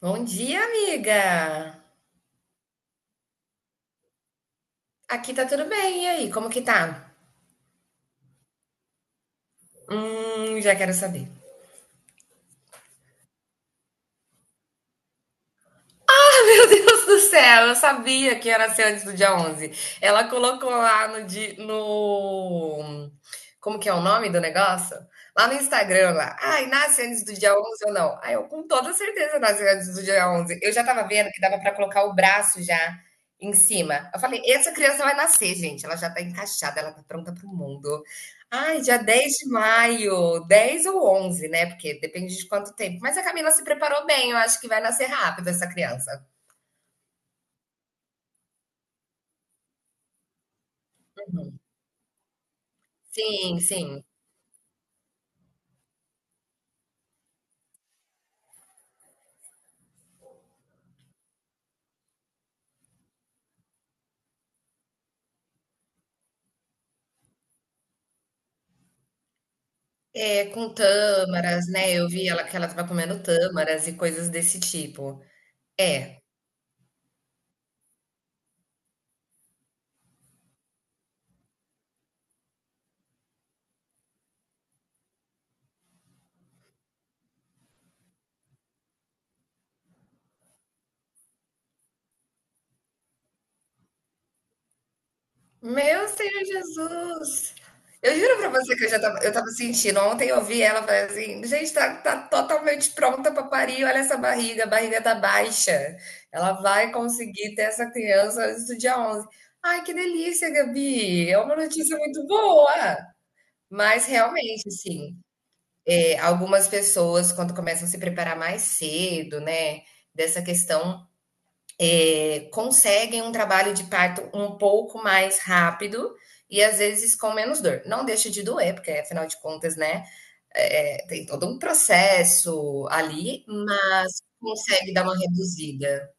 Bom dia, amiga! Aqui tá tudo bem, e aí, como que tá? Já quero saber. Ah, meu Deus do céu, eu sabia que ia nascer antes do dia 11. Ela colocou lá. Como que é o nome do negócio? Lá no Instagram, lá. Ai, nasce antes do dia 11 ou não? Ai, eu com toda certeza nasce antes do dia 11. Eu já tava vendo que dava pra colocar o braço já em cima. Eu falei, essa criança vai nascer, gente. Ela já tá encaixada, ela tá pronta pro mundo. Ai, dia 10 de maio, 10 ou 11, né? Porque depende de quanto tempo. Mas a Camila se preparou bem, eu acho que vai nascer rápido essa criança. Sim, sim. É, com tâmaras, né, eu vi ela que ela estava comendo tâmaras e coisas desse tipo. É. Meu Senhor Jesus! Eu juro pra você que eu estava sentindo, ontem eu vi ela, falei assim: "Gente, tá totalmente pronta pra parir, olha essa barriga, a barriga tá baixa, ela vai conseguir ter essa criança antes do dia onze. Ai, que delícia, Gabi, é uma notícia muito boa. Mas realmente, sim. É, algumas pessoas, quando começam a se preparar mais cedo, né, dessa questão, conseguem um trabalho de parto um pouco mais rápido e às vezes com menos dor. Não deixa de doer, porque afinal de contas, né, tem todo um processo ali, mas consegue dar uma reduzida.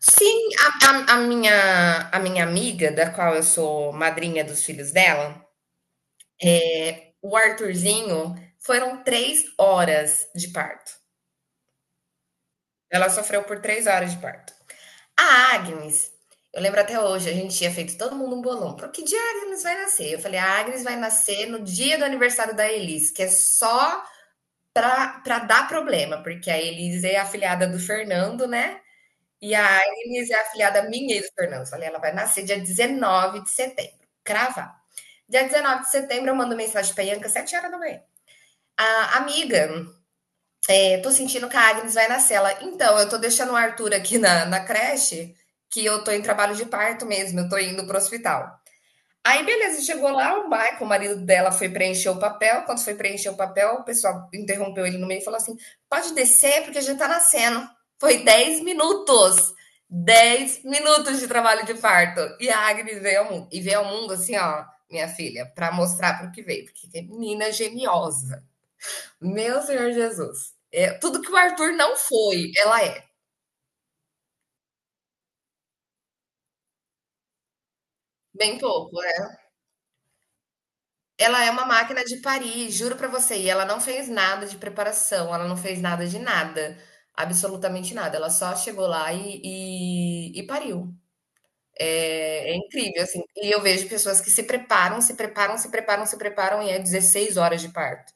Sim, a minha amiga, da qual eu sou madrinha dos filhos dela, o Arthurzinho, foram 3 horas de parto. Ela sofreu por 3 horas de parto. A Agnes, eu lembro até hoje, a gente tinha feito todo mundo um bolão. Pro que dia a Agnes vai nascer? Eu falei, a Agnes vai nascer no dia do aniversário da Elis, que é só pra dar problema, porque a Elis é afilhada do Fernando, né? E a Agnes é afilhada minha e do Fernando. Eu falei, ela vai nascer dia 19 de setembro. Cravar. Dia 19 de setembro, eu mando mensagem pra Ianca, 7 horas da manhã. A amiga, eu tô sentindo que a Agnes vai na cela. Então, eu tô deixando o Arthur aqui na creche, que eu tô em trabalho de parto mesmo, eu tô indo pro hospital. Aí, beleza, chegou lá, o Michael, o marido dela, foi preencher o papel. Quando foi preencher o papel, o pessoal interrompeu ele no meio e falou assim: pode descer, porque já tá nascendo. Foi 10 minutos. 10 minutos de trabalho de parto. E a Agnes veio ao mundo. E veio ao mundo assim, ó, minha filha, para mostrar pro que veio. Porque é menina geniosa. Meu Senhor Jesus. É, tudo que o Arthur não foi, ela é. Bem pouco, é. Ela é uma máquina de parir, juro pra você. E ela não fez nada de preparação, ela não fez nada de nada. Absolutamente nada. Ela só chegou lá e pariu. É, incrível, assim. E eu vejo pessoas que se preparam, se preparam, se preparam, se preparam, e é 16 horas de parto.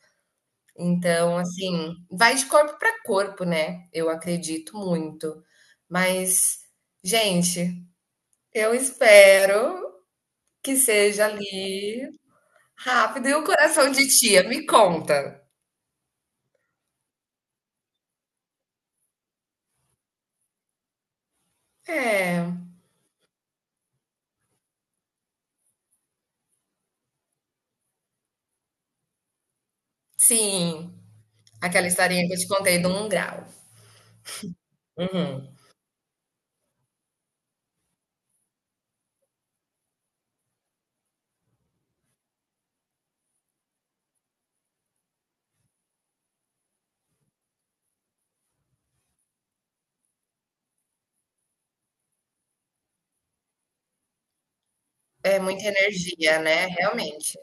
Então, assim, vai de corpo pra corpo, né? Eu acredito muito. Mas, gente, eu espero que seja ali rápido. E o coração de tia, me conta. É, sim, aquela historinha que eu te contei do 1 grau. Uhum. É muita energia, né? Realmente.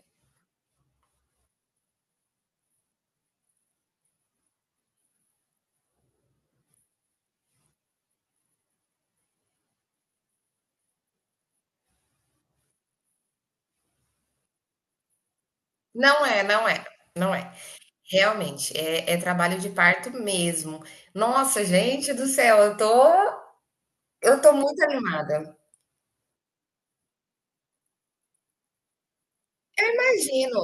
Não é, não é, não é. Realmente, é trabalho de parto mesmo. Nossa, gente do céu, eu tô muito animada. Imagino.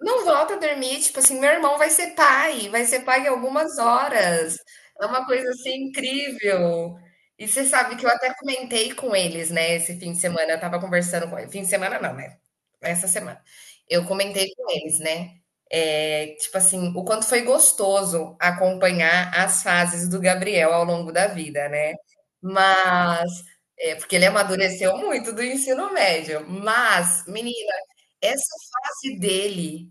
Não volta a dormir, tipo assim, meu irmão vai ser pai em algumas horas. É uma coisa assim incrível. E você sabe que eu até comentei com eles, né, esse fim de semana, eu estava conversando com eles. Fim de semana não, né, essa semana. Eu comentei com eles, né, tipo assim, o quanto foi gostoso acompanhar as fases do Gabriel ao longo da vida, né. Mas, porque ele amadureceu muito do ensino médio, mas menina, essa fase dele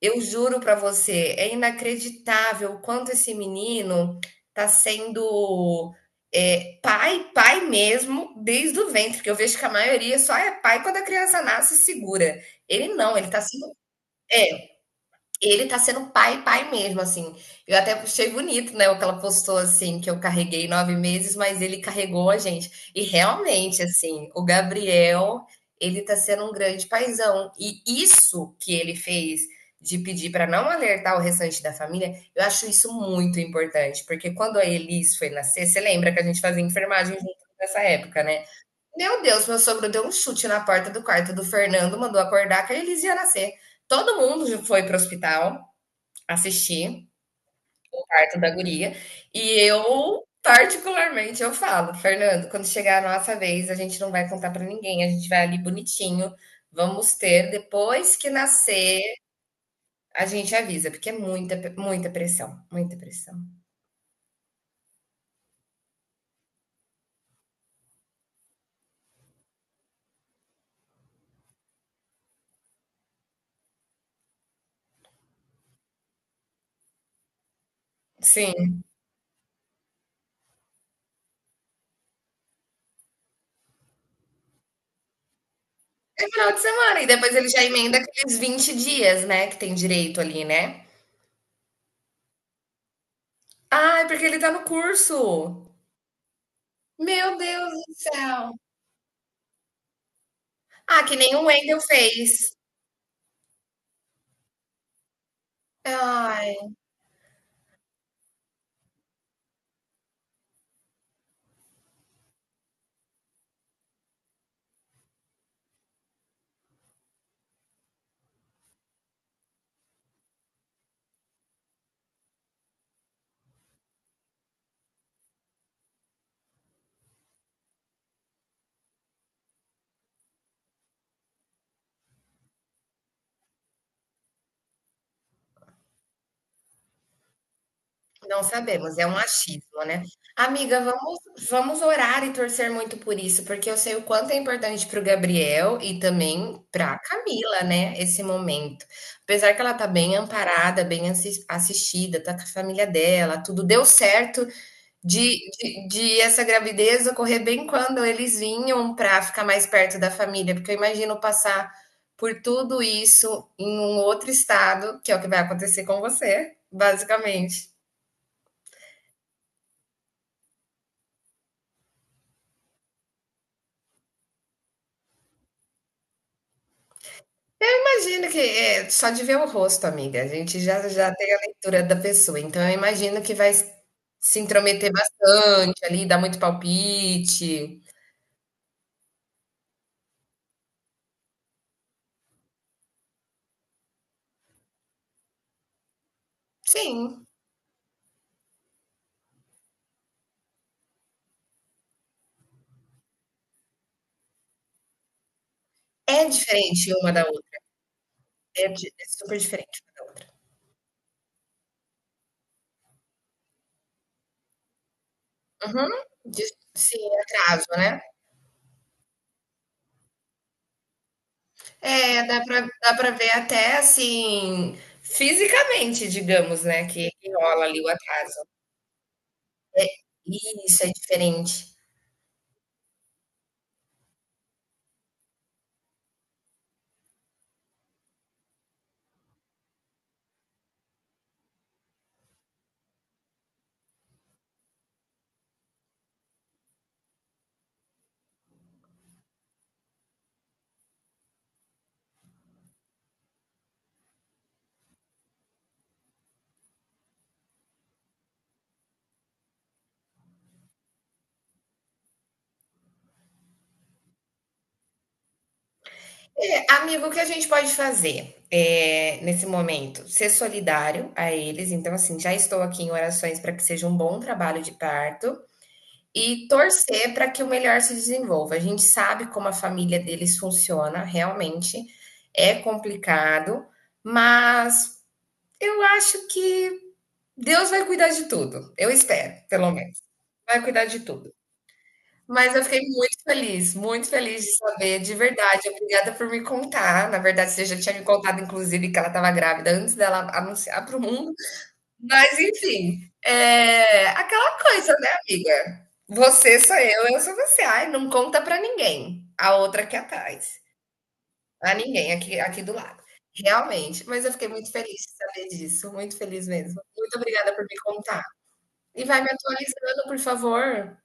eu juro para você, é inacreditável o quanto esse menino tá sendo, pai, pai mesmo, desde o ventre, porque eu vejo que a maioria só é pai quando a criança nasce e segura. Ele não, ele tá sendo é. Ele tá sendo pai, pai mesmo, assim. Eu até achei bonito, né, o que ela postou, assim, que eu carreguei 9 meses, mas ele carregou a gente. E realmente, assim, o Gabriel, ele tá sendo um grande paizão. E isso que ele fez de pedir para não alertar o restante da família, eu acho isso muito importante, porque quando a Elis foi nascer, você lembra que a gente fazia enfermagem junto nessa época, né? Meu Deus, meu sogro deu um chute na porta do quarto do Fernando, mandou acordar que a Elis ia nascer. Todo mundo foi pro hospital. Assisti o parto da guria, e eu, particularmente, eu falo: "Fernando, quando chegar a nossa vez, a gente não vai contar pra ninguém, a gente vai ali bonitinho, vamos ter, depois que nascer, a gente avisa", porque é muita pressão, muita pressão. Sim, é final de semana e depois ele já emenda aqueles 20 dias, né, que tem direito ali, né. Ai, porque ele tá no curso. Meu Deus do céu. Ah, que nem o Wendel fez. Ai. Não sabemos, é um achismo, né. Amiga, vamos orar e torcer muito por isso, porque eu sei o quanto é importante para o Gabriel e também para a Camila, né, esse momento. Apesar que ela tá bem amparada, bem assistida, tá com a família dela, tudo deu certo de de essa gravidez ocorrer bem quando eles vinham para ficar mais perto da família, porque eu imagino passar por tudo isso em um outro estado, que é o que vai acontecer com você, basicamente. Imagino que é só de ver o rosto, amiga, a gente já já tem a leitura da pessoa, então eu imagino que vai se intrometer bastante ali, dar muito palpite. Sim, é diferente uma da outra, é di é super diferente uma da outra. Uhum. De Sim, é atraso, né. É, dá pra ver até, assim, fisicamente, digamos, né, que rola ali o atraso. Isso, é diferente. É, amigo, o que a gente pode fazer é, nesse momento? Ser solidário a eles. Então, assim, já estou aqui em orações para que seja um bom trabalho de parto e torcer para que o melhor se desenvolva. A gente sabe como a família deles funciona, realmente é complicado, mas eu acho que Deus vai cuidar de tudo. Eu espero, pelo menos. Vai cuidar de tudo. Mas eu fiquei muito feliz de saber, de verdade. Obrigada por me contar. Na verdade, você já tinha me contado, inclusive, que ela estava grávida antes dela anunciar para o mundo. Mas, enfim, é aquela coisa, né, amiga? Você sou eu sou você. Ai, não conta para ninguém. A outra aqui atrás. A ninguém aqui, aqui do lado. Realmente. Mas eu fiquei muito feliz de saber disso. Muito feliz mesmo. Muito obrigada por me contar. E vai me atualizando, por favor.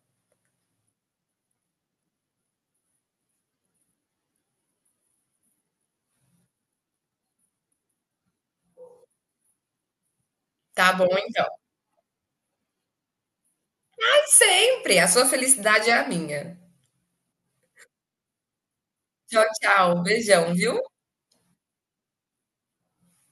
Tá bom, então. Sempre! A sua felicidade é a minha. Tchau, tchau. Beijão, viu?